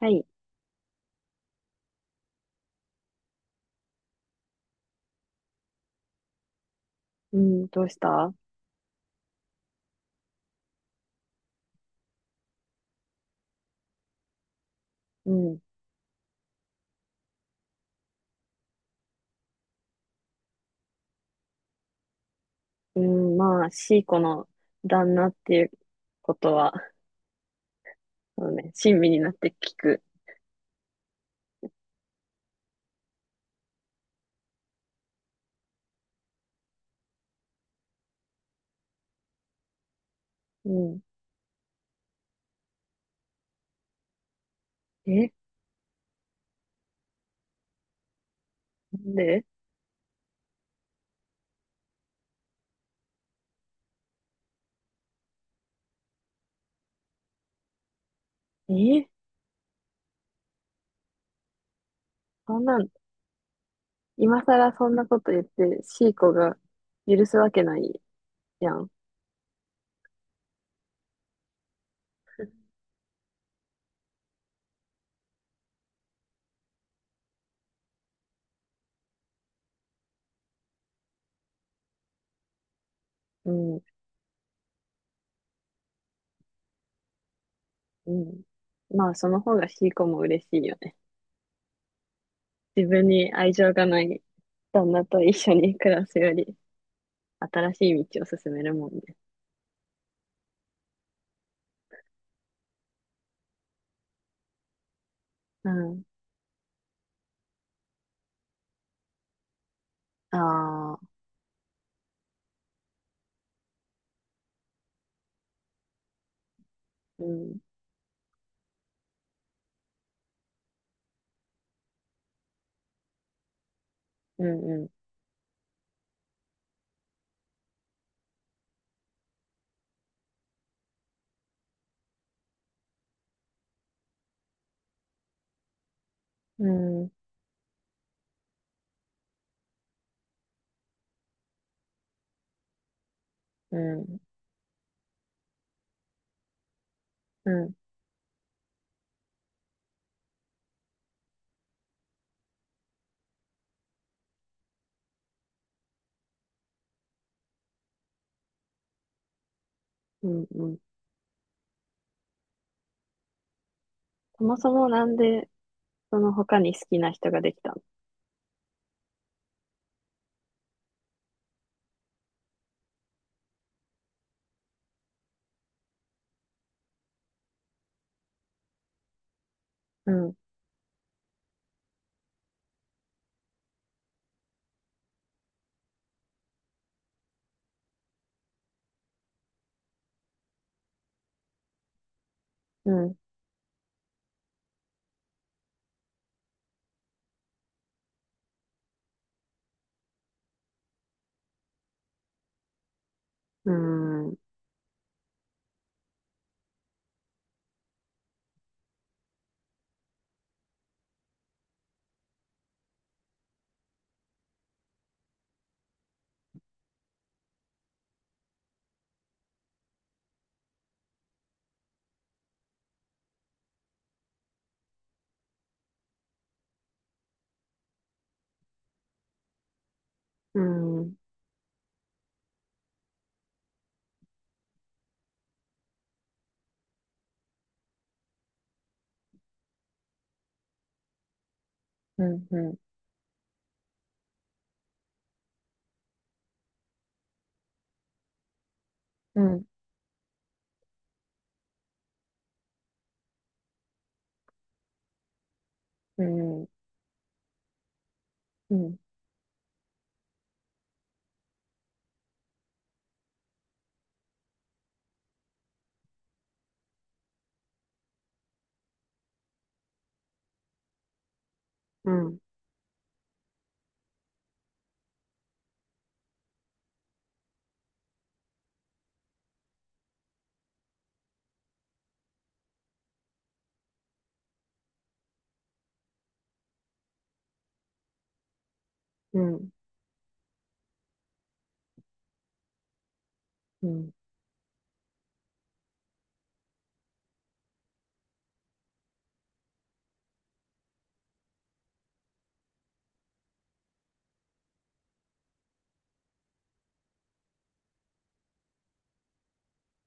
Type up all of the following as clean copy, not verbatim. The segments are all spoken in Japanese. はい。うん、どうした？うん。うん、まあ、シーコの旦那っていうことは、そうね、親身になって聞く。うん。え、なんで？えそんなん、今更そんなこと言って、シーコが許すわけないやん。うん、うん。まあ、その方がシーコも嬉しいよね。自分に愛情がない旦那と一緒に暮らすより、新しい道を進めるもんね。うん。ああ、うん、うん、うん、うん。うん、うん、うん、うん。そもそもなんで、その他に好きな人ができたの？うん、うん、うん、うん、うん、うん、うん、うん、うん、うん、うん、うん。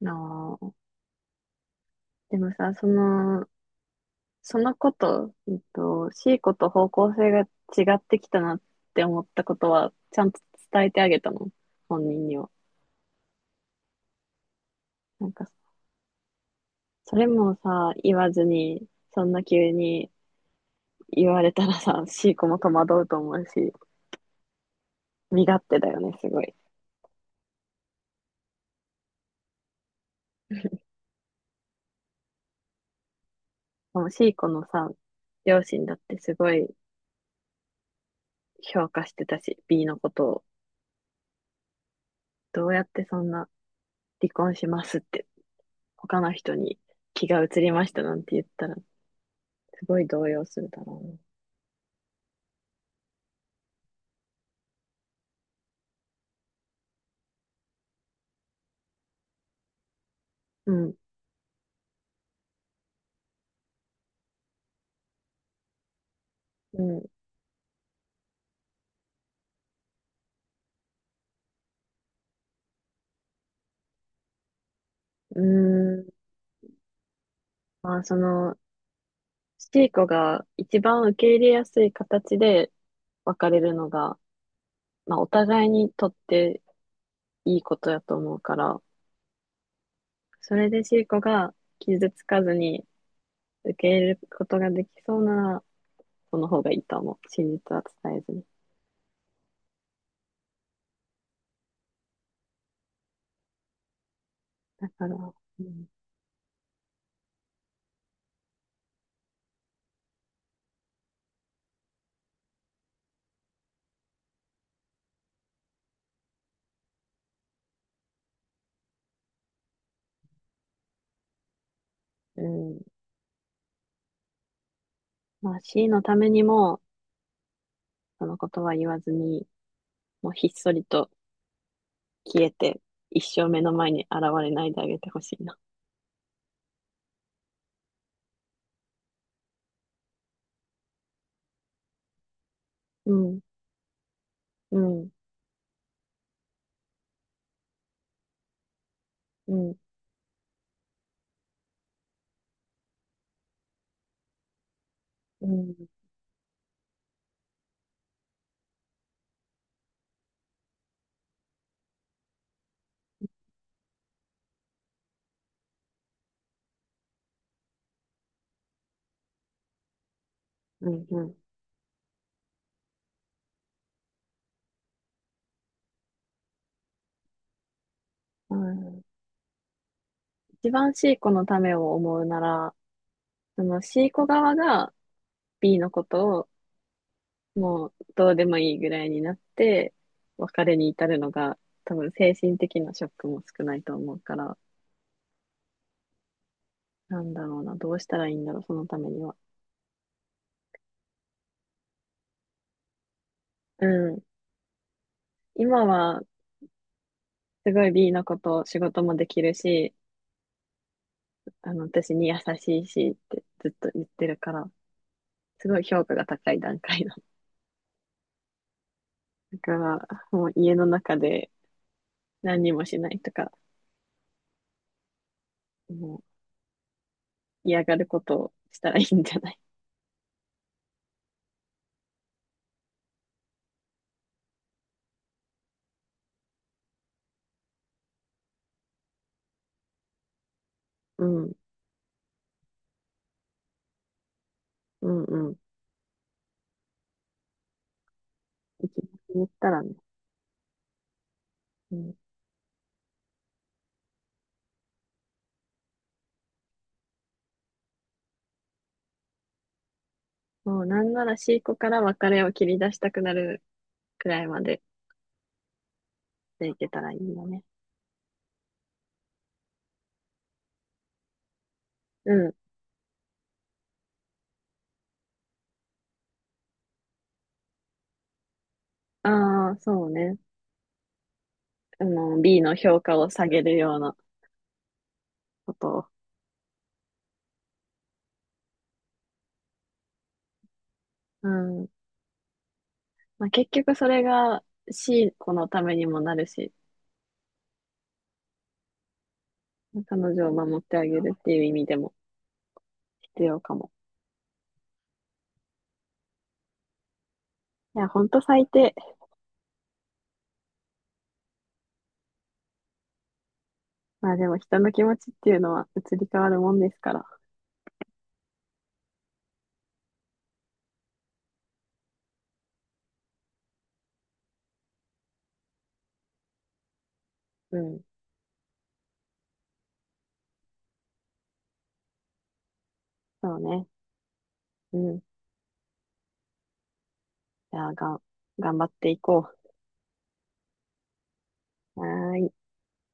なあ。でもさ、その、その子と、C 子と方向性が違ってきたなって思ったことは、ちゃんと伝えてあげたの、本人には？なんか、それもさ、言わずに、そんな急に言われたらさ、C 子も戸惑うと思うし。身勝手だよね、すごい。もうシーコのさ、両親だってすごい評価してたし、B のことを。どうやってそんな、離婚しますって、他の人に気が移りましたなんて言ったら、すごい動揺するだろうね。うん、うん、うーん。まあ、その、シーコが一番受け入れやすい形で別れるのが、まあ、お互いにとっていいことだと思うから、それでシーコが傷つかずに、受け入れることができそうなら、その方がいいと思う。真実は伝えずに。だから、うん、うん、まあ C のためにも、そのことは言わずに、もうひっそりと消えて、一生目の前に現れないであげてほしいな。うん、うん、うん、うん、うん、うん。うん、一番 C 子のためを思うなら、その C 子側が B のことをもうどうでもいいぐらいになって、別れに至るのが、多分精神的なショックも少ないと思うから、なんだろうな、どうしたらいいんだろう、そのためには。うん。今は、すごい B のこと、仕事もできるし、あの、私に優しいしってずっと言ってるから、すごい評価が高い段階だ。だから、もう家の中で何にもしないとか、もう嫌がることをしたらいいんじゃない？うん、うん、うん。生き残ったらね。うん、もうなんなら C 子から別れを切り出したくなるくらいまででいけたらいいよね。うん。ああ、そうね。あの、B の評価を下げるようなことを。うん。まあ、結局それが C 子のためにもなるし、彼女を守ってあげるっていう意味でも必要かも。いや、ほんと最低。まあでも人の気持ちっていうのは移り変わるもんですから。うん。そうね。うん。じゃあ、がん、頑張っていこう。はーい。